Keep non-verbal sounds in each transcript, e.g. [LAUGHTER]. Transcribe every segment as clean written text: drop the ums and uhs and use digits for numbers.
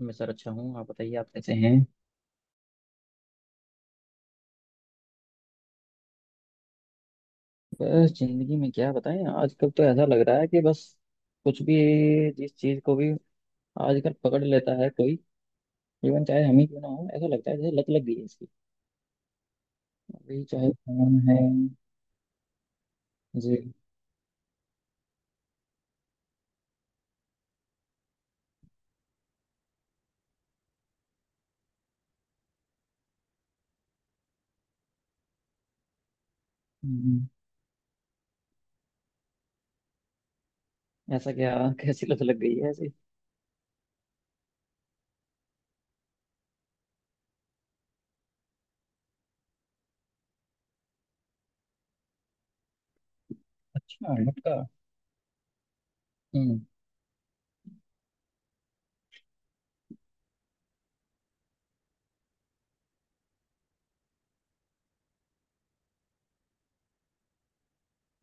मैं सर अच्छा हूँ। आप बताइए, आप कैसे हैं? बस जिंदगी में क्या बताएं। आजकल तो ऐसा लग रहा है कि बस कुछ भी, जिस चीज को भी आजकल पकड़ लेता है कोई, इवन चाहे हम ही क्यों ना हो, ऐसा लगता है जैसे लत लग गई है इसकी। अभी चाहे फोन है। जी। हम्म। ऐसा क्या [LAUGHS] कैसी लत लग गई है ऐसी? अच्छा लटका। हम्म,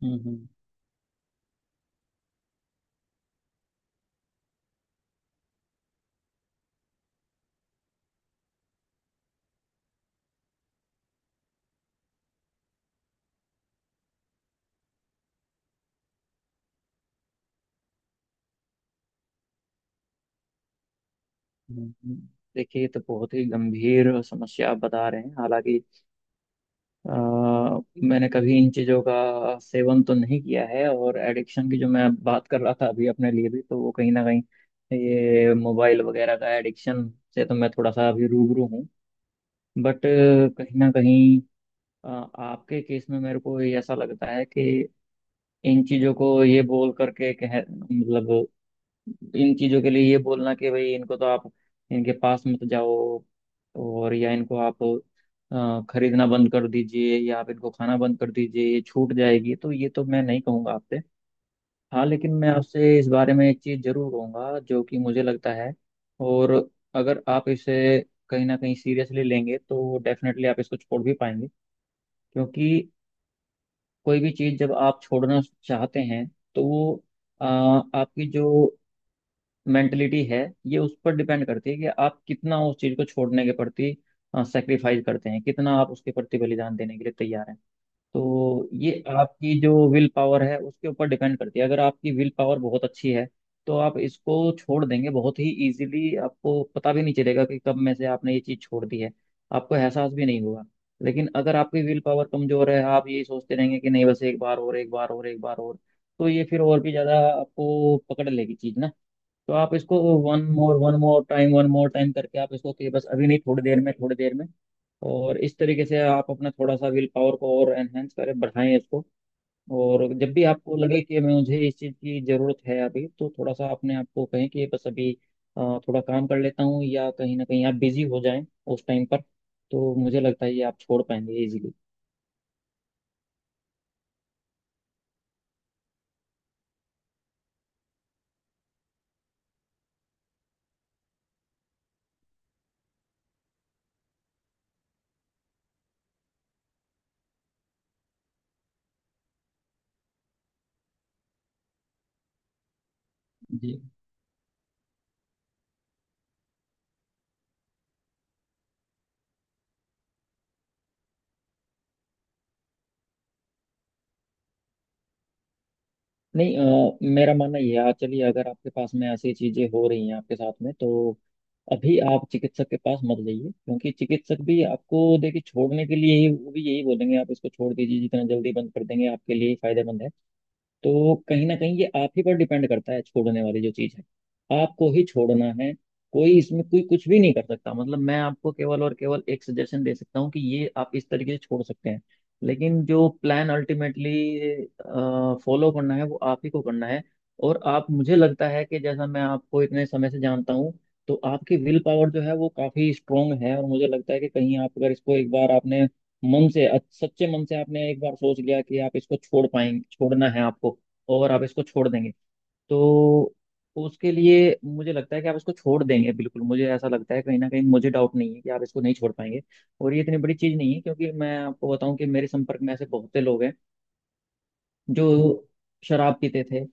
हम्म, हम्म, हम्म। देखिए, ये तो बहुत ही गंभीर समस्या आप बता रहे हैं। हालांकि अ, मैंने कभी इन चीज़ों का सेवन तो नहीं किया है, और एडिक्शन की जो मैं बात कर रहा था अभी अपने लिए भी, तो वो कहीं ना कहीं ये मोबाइल वगैरह का एडिक्शन से तो मैं थोड़ा सा अभी रूबरू हूँ। बट कहीं ना कहीं अ, आपके केस में मेरे को ये ऐसा लगता है कि इन चीज़ों को ये बोल करके कह मतलब, इन चीजों के लिए ये बोलना कि भाई इनको तो आप इनके पास मत जाओ, और या इनको आप खरीदना बंद कर दीजिए या आप इनको खाना बंद कर दीजिए, ये छूट जाएगी, तो ये तो मैं नहीं कहूँगा आपसे। हाँ, लेकिन मैं आपसे इस बारे में एक चीज़ जरूर कहूँगा जो कि मुझे लगता है, और अगर आप इसे कहीं ना कहीं सीरियसली लेंगे तो डेफिनेटली आप इसको छोड़ भी पाएंगे। क्योंकि कोई भी चीज़ जब आप छोड़ना चाहते हैं, तो वो आपकी जो मेंटलिटी है, ये उस पर डिपेंड करती है कि आप कितना उस चीज़ को छोड़ने के प्रति सेक्रीफाइस करते हैं, कितना आप उसके प्रति बलिदान देने के लिए तैयार हैं। तो ये आपकी जो विल पावर है उसके ऊपर डिपेंड करती है। अगर आपकी विल पावर बहुत अच्छी है तो आप इसको छोड़ देंगे बहुत ही इजीली, आपको पता भी नहीं चलेगा कि कब में से आपने ये चीज़ छोड़ दी है, आपको एहसास भी नहीं होगा। लेकिन अगर आपकी विल पावर कमजोर है, आप यही सोचते रहेंगे कि नहीं बस एक बार और, एक बार और, एक बार और। तो ये फिर और भी ज़्यादा आपको पकड़ लेगी चीज़ ना। तो आप इसको one more, one more time, one more time करके आप इसको कि बस अभी नहीं, थोड़ी देर में, थोड़ी देर में। और इस तरीके से आप अपना थोड़ा सा विल पावर को और एनहेंस करें, बढ़ाएं इसको। और जब भी आपको लगे कि मुझे इस चीज़ की ज़रूरत है अभी, तो थोड़ा सा अपने आप को कहें कि बस अभी अ, थोड़ा काम कर लेता हूँ, या कहीं ना कहीं आप बिजी हो जाएं उस टाइम पर। तो मुझे लगता है ये आप छोड़ पाएंगे इजीली। जी। नहीं, मेरा मानना ये है, चलिए अगर आपके पास में ऐसी चीजें हो रही हैं आपके साथ में तो अभी आप चिकित्सक के पास मत जाइए, क्योंकि चिकित्सक भी आपको देखिए छोड़ने के लिए ही वो भी यही बोलेंगे, आप इसको छोड़ दीजिए, जितना जल्दी बंद कर देंगे आपके लिए ही फायदेमंद है। तो कहीं ना कहीं ये आप ही पर डिपेंड करता है, छोड़ने वाली जो चीज है आपको ही छोड़ना है। कोई इसमें कोई कुछ भी नहीं कर सकता, मतलब मैं आपको केवल और केवल एक सजेशन दे सकता हूँ कि ये आप इस तरीके से छोड़ सकते हैं। लेकिन जो प्लान अल्टीमेटली फॉलो करना है वो आप ही को करना है। और आप, मुझे लगता है कि जैसा मैं आपको इतने समय से जानता हूँ, तो आपकी विल पावर जो है वो काफी स्ट्रोंग है, और मुझे लगता है कि कहीं आप अगर इसको एक बार आपने मन से सच्चे मन से आपने एक बार सोच लिया कि आप इसको छोड़ पाएंगे, छोड़ना है आपको, और आप इसको छोड़ देंगे। तो उसके लिए मुझे लगता है कि आप इसको छोड़ देंगे बिल्कुल। मुझे ऐसा लगता है कहीं ना कहीं, मुझे डाउट नहीं है कि आप इसको नहीं छोड़ पाएंगे। और ये इतनी बड़ी चीज़ नहीं है, क्योंकि मैं आपको बताऊं कि मेरे संपर्क में ऐसे बहुत से लोग हैं जो शराब पीते थे,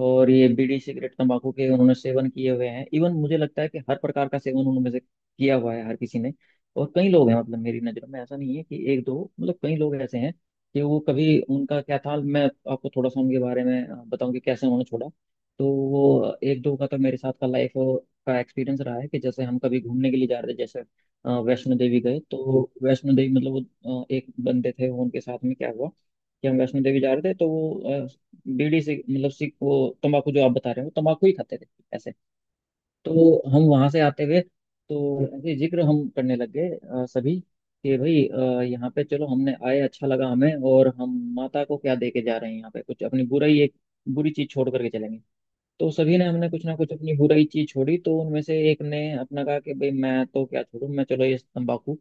और ये बीड़ी सिगरेट तंबाकू के उन्होंने सेवन किए हुए हैं। इवन मुझे लगता है कि हर प्रकार का सेवन उनमें से किया हुआ है हर किसी ने। और कई लोग हैं, मतलब मेरी नज़र में ऐसा नहीं है कि एक दो, मतलब कई लोग ऐसे हैं कि वो कभी उनका क्या था। मैं आपको थोड़ा सा उनके बारे में बताऊं कि कैसे उन्होंने छोड़ा। तो वो एक दो का तो मेरे साथ का लाइफ का एक्सपीरियंस रहा है कि जैसे हम कभी घूमने के लिए जा रहे थे, जैसे वैष्णो देवी गए। तो वैष्णो देवी मतलब, वो एक बंदे थे उनके साथ में, क्या हुआ कि हम वैष्णो देवी जा रहे थे तो वो बीड़ी से मतलब सिग वो तंबाकू, जो आप बता रहे हो तंबाकू ही खाते थे ऐसे। तो हम वहां से आते हुए, तो ऐसे जिक्र हम करने लग गए सभी, कि भाई यहाँ पे चलो हमने आए, अच्छा लगा हमें, और हम माता को क्या दे के जा रहे हैं यहाँ पे, कुछ अपनी बुराई, एक बुरी चीज छोड़ करके चलेंगे। तो सभी ने हमने कुछ ना कुछ अपनी बुराई चीज छोड़ी, तो उनमें से एक ने अपना कहा कि भाई मैं तो क्या छोड़ूं, मैं चलो ये तंबाकू।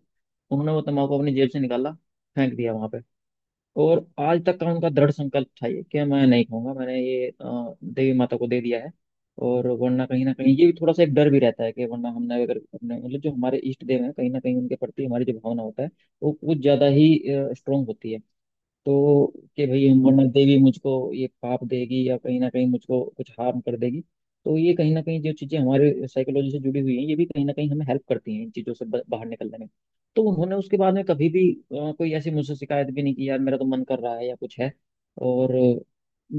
उन्होंने वो तंबाकू अपनी जेब से निकाला, फेंक दिया वहां पे। और आज तक का उनका दृढ़ संकल्प था ये कि मैं नहीं खाऊंगा, मैंने ये देवी माता को दे दिया है। और वरना कहीं ना कहीं ये भी थोड़ा सा एक डर भी रहता है कि वरना हमने अगर अपने, मतलब जो हमारे इष्ट देव हैं, कहीं ना कहीं उनके प्रति हमारी जो भावना होता है वो कुछ ज्यादा ही स्ट्रोंग होती है। तो कि भाई वरना देवी मुझको ये पाप देगी या कहीं ना कहीं मुझको कुछ हार्म कर देगी। तो ये कहीं ना कहीं जो चीज़ें हमारे साइकोलॉजी से जुड़ी हुई हैं, ये भी कहीं ना कहीं हमें हेल्प करती हैं इन चीज़ों से बाहर निकलने में। तो उन्होंने उसके बाद में कभी भी कोई ऐसी मुझसे शिकायत भी नहीं की यार मेरा तो मन कर रहा है या कुछ है। और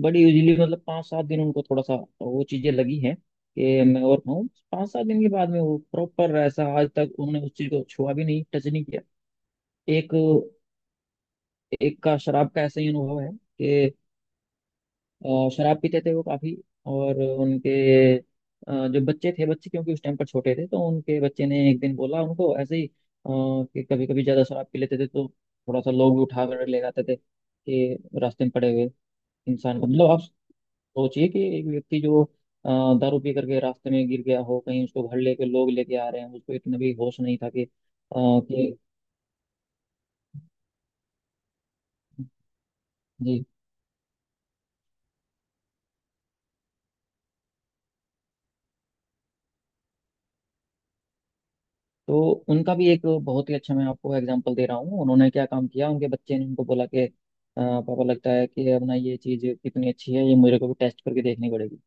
बड़ी यूजली, मतलब पाँच सात दिन उनको थोड़ा सा वो चीज़ें लगी हैं कि मैं और खाऊं। पाँच सात दिन के बाद में वो प्रॉपर ऐसा, आज तक उन्होंने उस चीज़ को छुआ भी नहीं, टच नहीं किया। एक एक का शराब का ऐसा ही अनुभव है। और शराब पीते थे वो काफी। और उनके जो बच्चे थे, बच्चे क्योंकि उस टाइम पर छोटे थे, तो उनके बच्चे ने एक दिन बोला उनको ऐसे ही, कि कभी कभी ज्यादा शराब पी लेते थे तो थोड़ा सा लोग भी उठा कर ले जाते थे कि रास्ते में पड़े हुए इंसान को। मतलब आप सोचिए कि एक व्यक्ति जो दारू पी करके रास्ते में गिर गया हो कहीं, उसको घर लेके लोग लेके आ रहे हैं, उसको इतना भी होश नहीं था कि जी। तो उनका भी एक बहुत ही अच्छा, मैं आपको एग्जांपल दे रहा हूँ, उन्होंने क्या काम किया। उनके बच्चे ने उनको बोला कि पापा, लगता है कि अपना ये चीज़ कितनी अच्छी है, ये मेरे को भी टेस्ट करके देखनी पड़ेगी,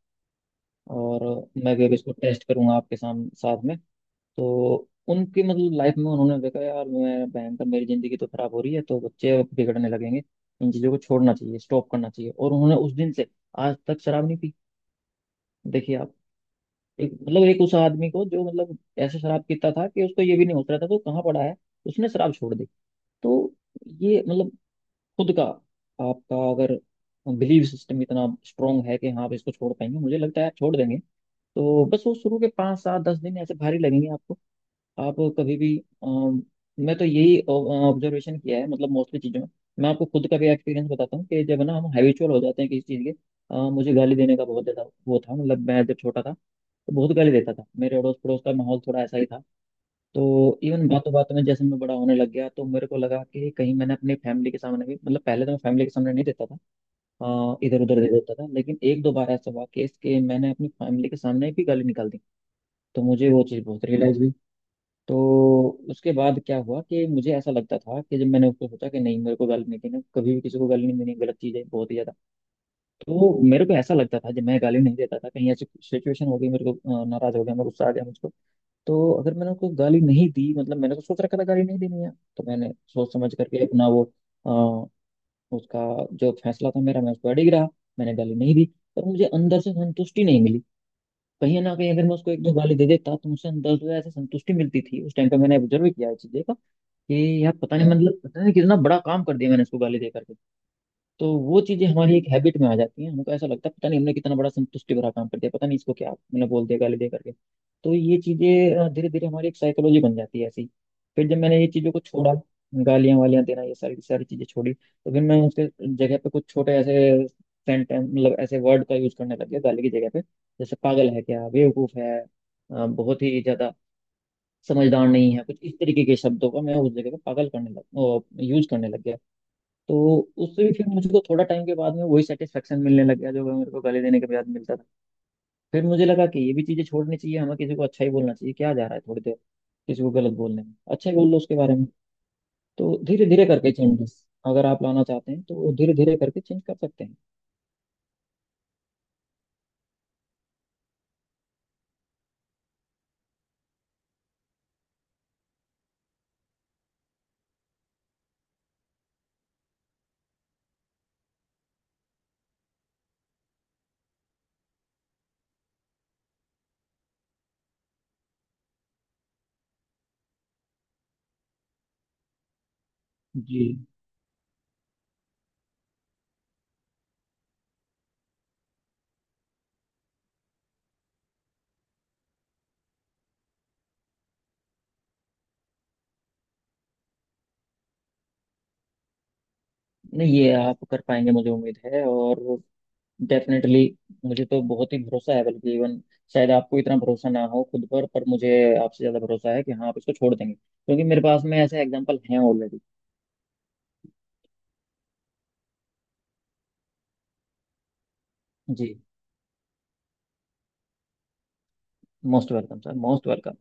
और मैं भी अब इसको टेस्ट करूंगा आपके सामने साथ में।" तो उनकी मतलब लाइफ में उन्होंने देखा, यार मैं भयंकर, मेरी ज़िंदगी तो खराब हो रही है, तो बच्चे बिगड़ने लगेंगे, इन चीज़ों को छोड़ना चाहिए, स्टॉप करना चाहिए। और उन्होंने उस दिन से आज तक शराब नहीं पी। देखिए आप, एक मतलब एक उस आदमी को जो मतलब ऐसे शराब पीता था कि उसको ये भी नहीं होश रहता था वो कहाँ पड़ा है, उसने शराब छोड़ दी। तो ये मतलब, खुद का, आपका अगर बिलीव सिस्टम इतना स्ट्रांग है कि हाँ आप इसको छोड़ पाएंगे, मुझे लगता है आप छोड़ देंगे। तो बस वो शुरू के पाँच सात दस दिन ऐसे भारी लगेंगे आपको। आप कभी भी, अम, मैं तो यही ऑब्जर्वेशन किया है, मतलब मोस्टली चीज़ों में। मैं आपको खुद का भी एक्सपीरियंस बताता हूँ कि जब ना हम हैबिचुअल हो जाते हैं किसी चीज़ के। मुझे गाली देने का बहुत ज़्यादा वो था, मतलब मैं जब छोटा था तो बहुत गाली देता था, मेरे अड़ोस पड़ोस का माहौल थोड़ा ऐसा ही था। तो इवन बातों बातों में जैसे मैं बड़ा होने लग गया, तो मेरे को लगा कि कहीं मैंने अपनी फैमिली के सामने भी, मतलब पहले तो मैं फैमिली के सामने नहीं देता था, इधर उधर दे देता था, लेकिन एक दो बार ऐसा हुआ केस के मैंने अपनी फैमिली के सामने भी गाली निकाल दी। तो मुझे वो चीज़ बहुत रियलाइज हुई। तो उसके बाद क्या हुआ कि मुझे ऐसा लगता था कि जब मैंने उसको सोचा कि नहीं मेरे को गाली नहीं देना, कभी भी किसी को गाली नहीं देनी, गलत चीज़ है बहुत ही ज्यादा। तो मेरे को ऐसा लगता था, जब मैं गाली नहीं देता था, कहीं ऐसी सिचुएशन हो गई मेरे को, नाराज हो गया मैं, गुस्सा आ गया मुझको, तो अगर मैंने उसको गाली नहीं दी, मतलब मैंने तो सोच रखा था गाली नहीं देनी है, तो मैंने सोच समझ करके अपना वो, अ, उसका जो फैसला था मेरा, मैं उस पर अड़िग रहा, मैंने गाली नहीं दी। पर मुझे अंदर से संतुष्टि नहीं मिली। कहीं ना कहीं अगर मैं उसको एक दो गाली दे देता तो मुझे अंदर से ऐसे संतुष्टि मिलती थी, उस टाइम पे मैंने ऑब्जर्व किया है चीजें का, कि यार पता नहीं, मतलब पता नहीं कितना बड़ा काम कर दिया मैंने उसको गाली दे करके। तो वो चीजें हमारी एक हैबिट में आ जाती हैं, हमको ऐसा लगता है पता नहीं हमने कितना बड़ा संतुष्टि भरा काम कर दिया, पता नहीं इसको क्या मैंने बोल दिया गाली दे करके। तो ये चीजें धीरे धीरे हमारी एक साइकोलॉजी बन जाती है ऐसी। फिर जब मैंने ये चीजों को छोड़ा, गालियां वालियां देना ये सारी सारी चीजें छोड़ी, तो फिर मैं उसके जगह पे कुछ छोटे ऐसे सेंटेंस, मतलब ऐसे वर्ड का यूज करने लग गया गाली की जगह पे। जैसे पागल है क्या, बेवकूफ है, बहुत ही ज्यादा समझदार नहीं है, कुछ इस तरीके के शब्दों का मैं उस जगह पे पागल करने लग यूज करने लग गया। तो उससे भी फिर मुझको थोड़ा टाइम के बाद में वही सेटिस्फेक्शन मिलने लग गया जो मेरे को गाली देने के बाद मिलता था। फिर मुझे लगा कि ये भी चीजें छोड़नी चाहिए, हमें किसी को अच्छा ही बोलना चाहिए, क्या जा रहा है थोड़ी देर किसी को गलत बोलने में, अच्छा ही बोल लो उसके बारे में। तो धीरे धीरे करके चेंजेस अगर आप लाना चाहते हैं तो धीरे धीरे करके चेंज कर सकते हैं। जी। नहीं ये आप कर पाएंगे, मुझे उम्मीद है, और डेफिनेटली मुझे तो बहुत ही भरोसा है, बल्कि इवन शायद आपको इतना भरोसा ना हो खुद पर मुझे आपसे ज्यादा भरोसा है कि हाँ आप इसको छोड़ देंगे, क्योंकि मेरे पास में ऐसे एग्जांपल हैं ऑलरेडी। जी। Most welcome sir, most welcome.